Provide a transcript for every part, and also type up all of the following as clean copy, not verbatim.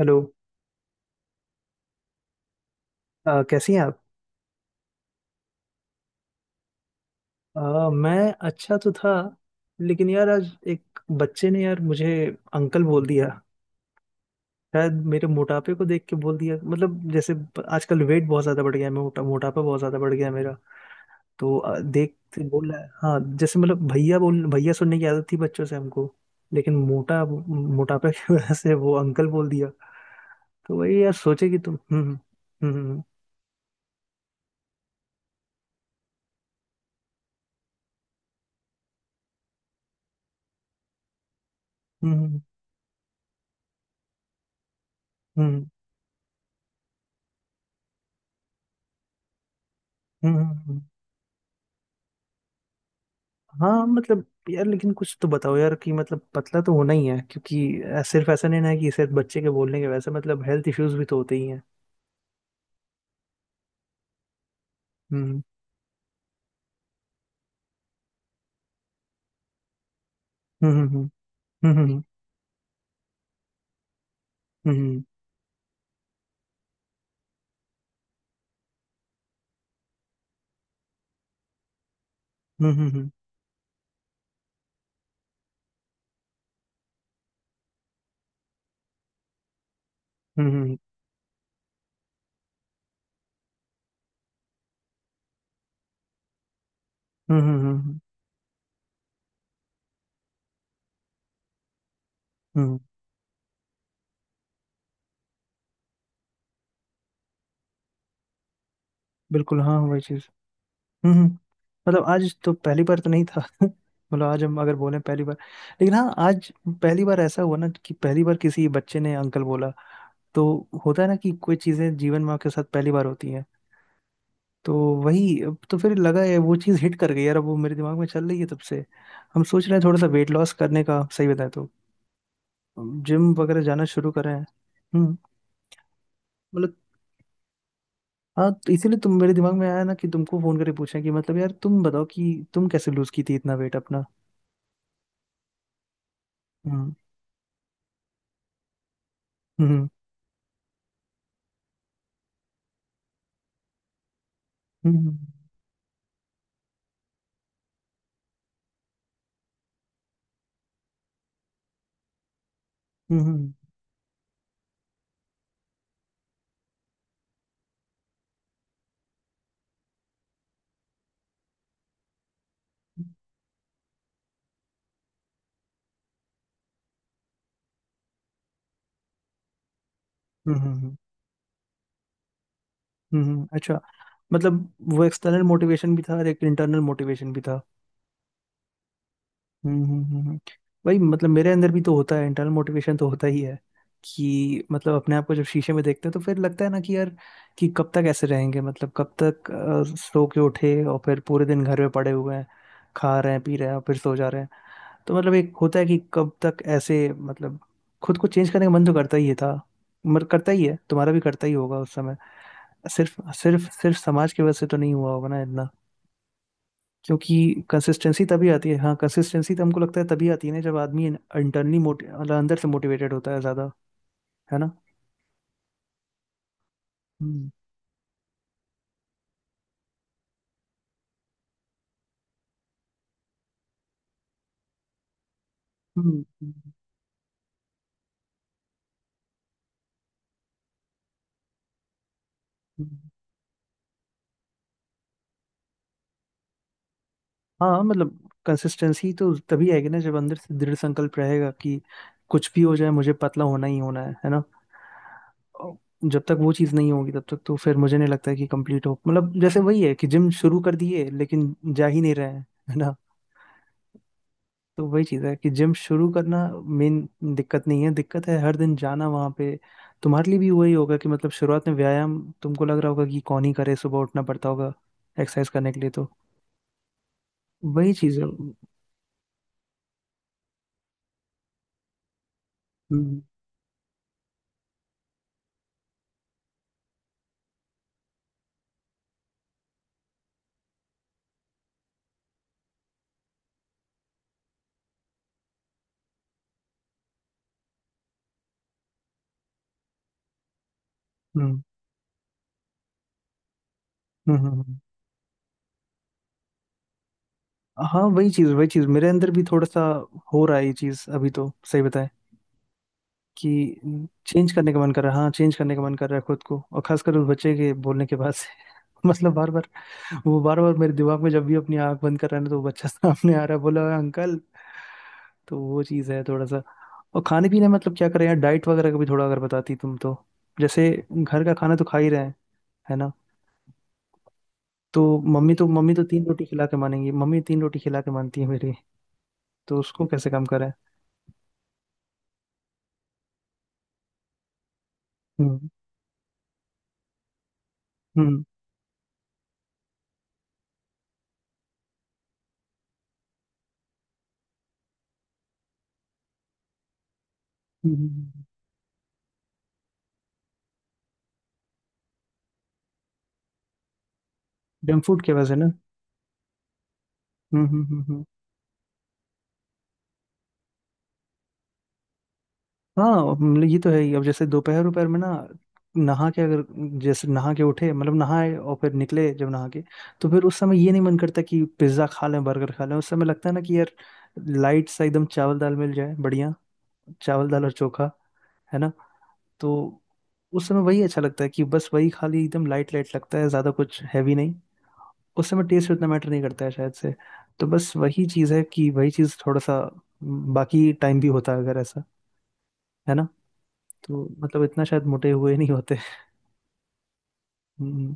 Hello. कैसी हैं आप? मैं अच्छा तो था। लेकिन यार आज एक बच्चे ने यार मुझे अंकल बोल दिया। शायद मेरे मोटापे को देख के बोल दिया, मतलब जैसे आजकल वेट बहुत ज़्यादा बढ़ गया है। मोटापा बहुत ज़्यादा बढ़ गया है मेरा। तो देख के बोल रहा है। हाँ जैसे, मतलब भैया बोल, भैया सुनने की आदत थी बच्चों से हमको। लेकिन मोटापे की वजह से वो अंकल बोल दिया। तो वही यार, सोचे कि तुम। हम्म, हम्म, हम्म, हम्म, हम्म, हम्म, हम्म। हाँ मतलब, यार लेकिन कुछ तो बताओ यार कि मतलब पतला तो होना ही है, क्योंकि सिर्फ ऐसा नहीं ना है कि सिर्फ बच्चे के बोलने के, वैसे मतलब हेल्थ इश्यूज भी तो होते ही हैं। हम्म, हम्म, हम्म, हम्म, हम्म, हम्म, हम्म, हम्म, हम्म, हम्म, हम्म। बिल्कुल, हाँ वही चीज। हम्म, हम्म। मतलब आज तो पहली बार तो नहीं था। मतलब आज हम अगर बोले पहली बार। लेकिन हाँ, आज पहली बार ऐसा हुआ ना कि पहली बार किसी बच्चे ने अंकल बोला। तो होता है ना कि कोई चीजें जीवन में आपके साथ पहली बार होती हैं। तो वही, अब तो फिर लगा है वो चीज़ हिट कर गई यार, अब वो मेरे दिमाग में चल रही है तब से। हम सोच रहे हैं थोड़ा सा वेट लॉस करने का, सही बताए तो जिम वगैरह जाना शुरू कर रहे हैं। हम्म। मतलब, हाँ तो इसीलिए तुम मेरे दिमाग में आया ना कि तुमको फोन करके पूछा कि मतलब यार तुम बताओ कि तुम कैसे लूज की थी इतना वेट अपना। हम्म, हम्म, हम्म, हम्म, हम्म, हम्म, हम्म, हम्म, हम्म। अच्छा, मतलब वो एक्सटर्नल मोटिवेशन भी था और एक इंटरनल मोटिवेशन भी था। हम्म, वही, मतलब मेरे अंदर भी तो होता है, इंटरनल मोटिवेशन तो होता ही है। कि मतलब अपने आप को जब शीशे में देखते हैं तो फिर लगता है ना कि यार, कि कब तक ऐसे रहेंगे, मतलब कब तक सो के उठे और फिर पूरे दिन घर में पड़े हुए हैं। खा रहे हैं, पी रहे हैं और फिर सो जा रहे हैं। तो मतलब एक होता है कि कब तक ऐसे, मतलब खुद को चेंज करने का मन तो करता ही था। मगर करता ही है, तुम्हारा भी करता ही होगा उस समय। सिर्फ सिर्फ सिर्फ समाज की वजह से तो नहीं हुआ होगा ना, क्योंकि कंसिस्टेंसी तभी आती है। हाँ कंसिस्टेंसी तो हमको लगता है तभी आती है ना जब आदमी इंटरनली मोटे मतलब अंदर से मोटिवेटेड होता है ज्यादा। है ना? हम्म, हम्म, हम्म। हाँ मतलब, कंसिस्टेंसी तो तभी आएगी ना जब अंदर से दृढ़ संकल्प रहेगा कि कुछ भी हो जाए, मुझे पतला होना ही होना है ना। और जब तक वो चीज़ नहीं होगी तब तक तो फिर मुझे नहीं लगता है कि कंप्लीट हो, मतलब जैसे वही है कि जिम शुरू कर दिए लेकिन जा ही नहीं रहे हैं। है। तो वही चीज़ है कि जिम शुरू करना मेन दिक्कत नहीं है, दिक्कत है हर दिन जाना वहाँ पे। तुम्हारे लिए भी वही होगा कि मतलब शुरुआत में व्यायाम, तुमको लग रहा होगा कि कौन ही करे, सुबह उठना पड़ता होगा एक्सरसाइज करने के लिए, तो वही चीज़ है। हम्म, हम्म, हम्म, हाँ वही चीज़, वही चीज़ मेरे अंदर भी थोड़ा सा हो रहा है ये चीज़, अभी तो सही बताएं कि चेंज करने का मन कर रहा है, हाँ चेंज करने का मन कर रहा है खुद को, और खासकर उस बच्चे के बोलने के बाद से। मतलब बार बार, वो बार बार मेरे दिमाग में, जब भी अपनी आंख बंद कर रहा है ना तो वो बच्चा सामने आ रहा है, बोला "ओए, अंकल"। तो वो चीज़ है थोड़ा सा। और खाने पीने में, मतलब क्या करें यार, डाइट वगैरह का भी थोड़ा अगर बताती तुम तो। जैसे घर का खाना तो खा ही रहे हैं, है ना। तो मम्मी तो तीन रोटी खिला के मानेंगी, मम्मी तीन रोटी खिला के मानती है मेरी। तो उसको कैसे कम करें? हम्म। हम्म। जंक फूड की वजह से ना। हम्म, हम्म, हम्म, हाँ मतलब, ये तो है ही। अब जैसे दोपहर दोपहर में ना, नहा के अगर, जैसे नहा के उठे, मतलब नहाए और फिर निकले जब नहा के, तो फिर उस समय ये नहीं मन करता कि पिज्जा खा लें बर्गर खा लें, उस समय लगता है ना कि यार, लाइट सा एकदम चावल दाल मिल जाए बढ़िया। चावल दाल और चोखा, है ना। तो उस समय वही अच्छा लगता है कि बस वही खाली, एकदम लाइट लाइट लगता है, ज्यादा कुछ हैवी नहीं। उस समय टेस्ट उतना मैटर नहीं करता है शायद से। तो बस वही चीज़ है कि वही चीज़ थोड़ा सा बाकी टाइम भी होता है अगर ऐसा, है ना, तो मतलब इतना शायद मोटे हुए नहीं होते। हम्म,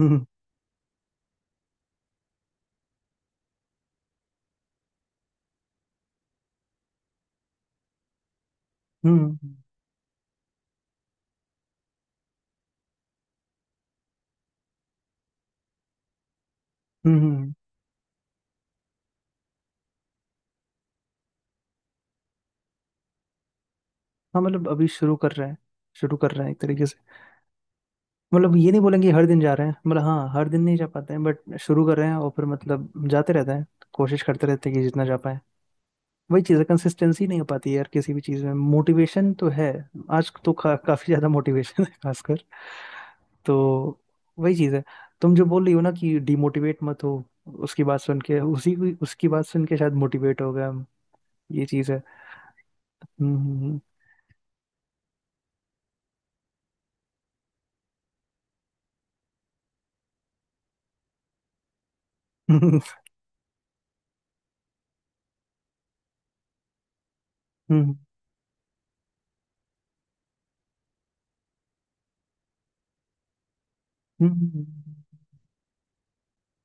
हम्म, हम्म, हम्म। हाँ मतलब अभी शुरू कर रहे हैं, शुरू कर रहे हैं एक तरीके से। मतलब ये नहीं बोलेंगे हर दिन जा रहे हैं, मतलब हाँ हर दिन नहीं जा पाते हैं बट शुरू कर रहे हैं और फिर मतलब जाते रहते हैं, कोशिश करते रहते हैं कि जितना जा पाए। वही चीज़ है, कंसिस्टेंसी नहीं हो पाती यार किसी भी चीज़ में, मोटिवेशन तो है। आज तो काफी ज्यादा मोटिवेशन है खासकर। तो वही चीज़ है, तुम जो बोल रही हो ना कि डिमोटिवेट मत हो, उसकी बात सुन के, उसी उसकी बात सुन के शायद मोटिवेट हो गए हम। ये चीज़ है। हम्म, हम्म, हम्म। हम्म, हम्म, हम्म।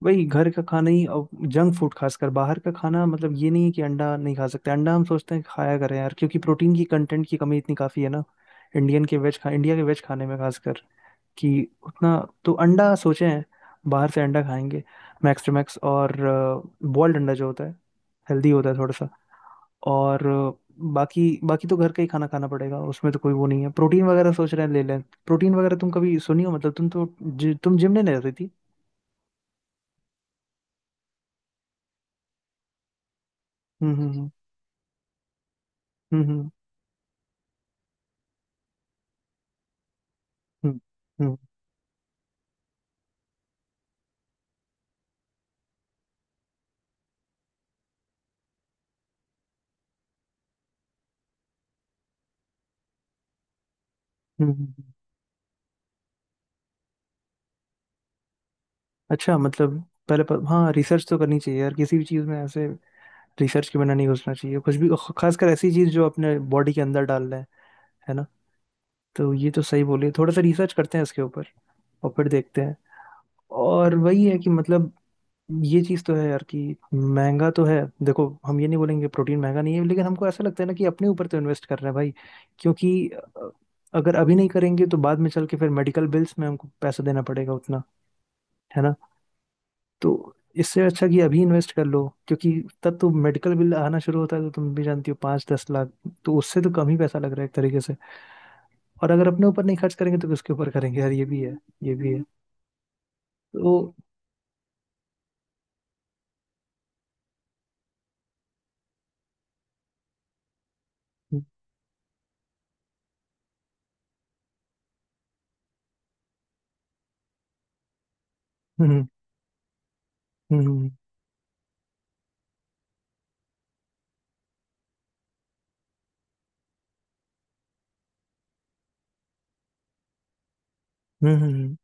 वही घर का खाना ही, और जंक फूड खासकर बाहर का खाना, मतलब ये नहीं है कि अंडा नहीं खा सकते, अंडा हम सोचते हैं खाया करें यार, क्योंकि प्रोटीन की कंटेंट की कमी इतनी काफी है ना इंडियन के वेज खा इंडिया के वेज खाने में खासकर, कि उतना। तो अंडा सोचे हैं बाहर से अंडा खाएंगे, मैक्स टू मैक्स। और बॉइल्ड अंडा जो होता है हेल्दी होता है थोड़ा सा। और बाकी बाकी तो घर का ही खाना खाना पड़ेगा, उसमें तो कोई वो नहीं है, प्रोटीन वगैरह सोच रहे हैं ले लें। प्रोटीन वगैरह तुम कभी सुनी हो, मतलब तुम तो तुम जिम नहीं जाती थी। हम्म, हम्म, हम्म, हम्म, हम्म, हम्म, हम्म, हम्म, हम्म। अच्छा, मतलब पहले हाँ, रिसर्च तो करनी चाहिए यार किसी भी चीज़ में ऐसे, रिसर्च के बिना नहीं घुसना चाहिए कुछ भी, खासकर ऐसी चीज़ जो अपने बॉडी के अंदर डाल रहे हैं, है ना। तो ये तो सही बोले, थोड़ा सा रिसर्च करते हैं इसके ऊपर और फिर देखते हैं। और वही है कि मतलब ये चीज़ तो है यार कि महंगा तो है। देखो हम ये नहीं बोलेंगे प्रोटीन महंगा नहीं है, लेकिन हमको ऐसा लगता है ना कि अपने ऊपर तो इन्वेस्ट कर रहे हैं भाई, क्योंकि अगर अभी नहीं करेंगे तो बाद में चल के फिर मेडिकल बिल्स में हमको पैसा देना पड़ेगा उतना, है ना। तो इससे अच्छा कि अभी इन्वेस्ट कर लो, क्योंकि तब तो मेडिकल बिल आना शुरू होता है तो तुम भी जानती हो, 5-10 लाख। तो उससे तो कम ही पैसा लग रहा है एक तरीके से। और अगर अपने ऊपर नहीं खर्च करेंगे तो किसके ऊपर करेंगे यार, ये भी है। ये भी है। तो हम्म, हम्म, हम्म, हम्म, हम्म।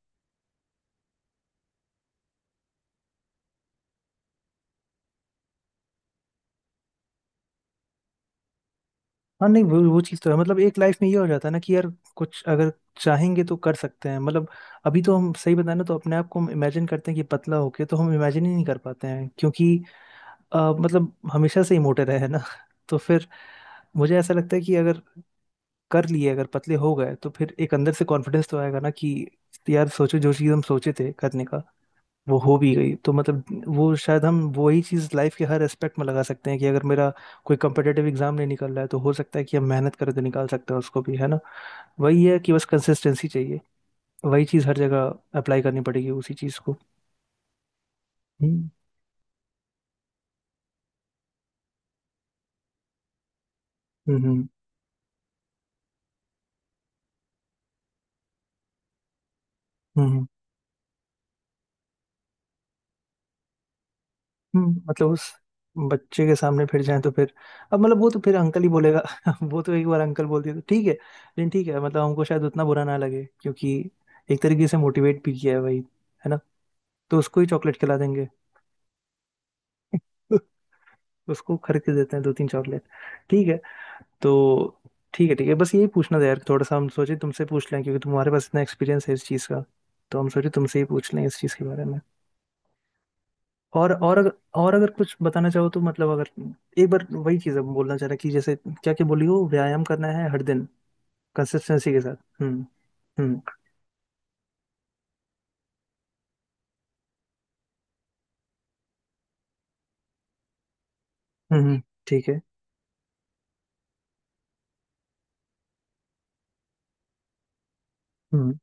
हाँ नहीं, वो चीज़ तो है, मतलब एक लाइफ में ये हो जाता है ना कि यार कुछ अगर चाहेंगे तो कर सकते हैं, मतलब अभी तो हम सही बताएं ना तो अपने आप को हम इमेजिन करते हैं कि पतला होके, तो हम इमेजिन ही नहीं कर पाते हैं क्योंकि मतलब हमेशा से ही मोटे रहे हैं ना। तो फिर मुझे ऐसा लगता है कि अगर कर लिए, अगर पतले हो गए तो फिर एक अंदर से कॉन्फिडेंस तो आएगा ना कि यार सोचो, जो चीज़ हम सोचे थे करने का वो हो भी गई, तो मतलब वो शायद हम वही चीज़ लाइफ के हर एस्पेक्ट में लगा सकते हैं कि अगर मेरा कोई कंपिटेटिव एग्जाम नहीं निकल रहा है तो हो सकता है कि हम मेहनत करें तो निकाल सकते हैं उसको भी, है ना। वही है कि बस कंसिस्टेंसी चाहिए, वही चीज़ हर जगह अप्लाई करनी पड़ेगी उसी चीज़ को। हम्म, हम्म, हम्म, हम्म, हम्म। मतलब उस बच्चे के सामने फिर जाएं तो फिर, अब मतलब वो तो फिर अंकल ही बोलेगा। वो तो एक बार अंकल बोल दिया तो ठीक है, लेकिन ठीक है मतलब हमको शायद उतना बुरा ना लगे, क्योंकि एक तरीके से मोटिवेट भी किया है भाई, है ना। तो उसको ही चॉकलेट खिला देंगे। उसको खरीद के देते हैं दो तीन चॉकलेट। ठीक है। तो ठीक है, ठीक है, बस यही पूछना था यार, थोड़ा सा हम सोचे तुमसे पूछ लें, क्योंकि तुम्हारे पास इतना एक्सपीरियंस है इस चीज़ का। तो हम सोचे तुमसे ही पूछ लें इस चीज़ के बारे में। और अगर, और अगर कुछ बताना चाहो तो मतलब, अगर एक बार वही चीज़ अब बोलना चाह रहा कि जैसे क्या क्या बोली हो, व्यायाम करना है हर दिन कंसिस्टेंसी के साथ। हम्म। हम्म, हम्म, ठीक है। हम्म,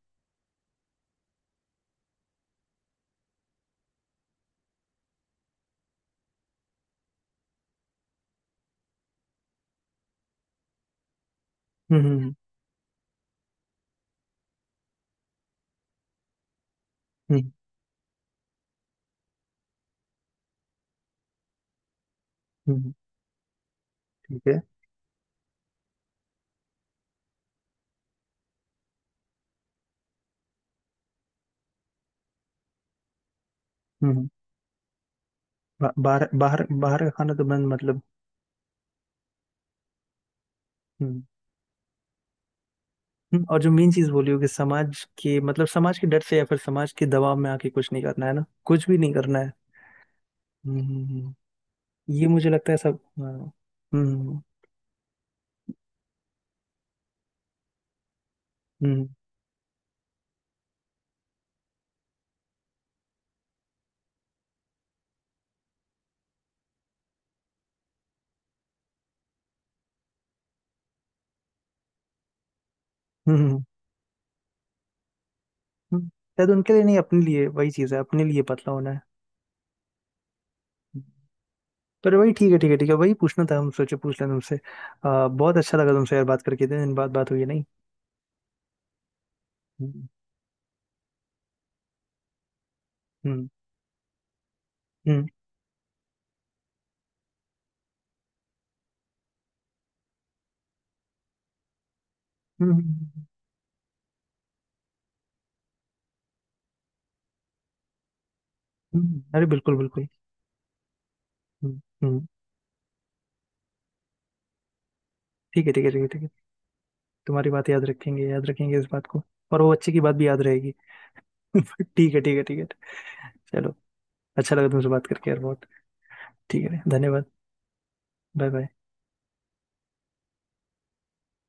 हम्म, हम्म, हम्म, हम्म। ठीक है। हम्म। बा- बाहर बाहर बाहर का खाना तो बंद, मतलब। हम्म, हम्म। और जो मेन चीज बोली हो कि समाज के डर से या फिर समाज के दबाव में आके कुछ नहीं करना है ना, कुछ भी नहीं करना है। हम्म, ये मुझे लगता है सब, हाँ। हम्म, हम्म, हम्म, हम्म, हम्म। शायद उनके लिए नहीं, अपने लिए। वही चीज है, अपने लिए पतला होना है। पर वही, ठीक है ठीक है ठीक है, वही पूछना था हम सोचे पूछ लें तुमसे। बहुत अच्छा लगा तुमसे यार बात करके, इतने दिन बाद बात हुई है नहीं। हम्म, हम्म, हम्म, हम्म, हम्म, अरे बिल्कुल, बिल्कुल। हम्म, ठीक है ठीक है ठीक है ठीक है, तुम्हारी बात याद रखेंगे, याद रखेंगे इस बात को। और वो बच्चे की बात भी याद रहेगी। ठीक है ठीक है ठीक है। चलो, अच्छा लगा तुमसे बात करके यार बहुत। ठीक है, धन्यवाद। Bye bye.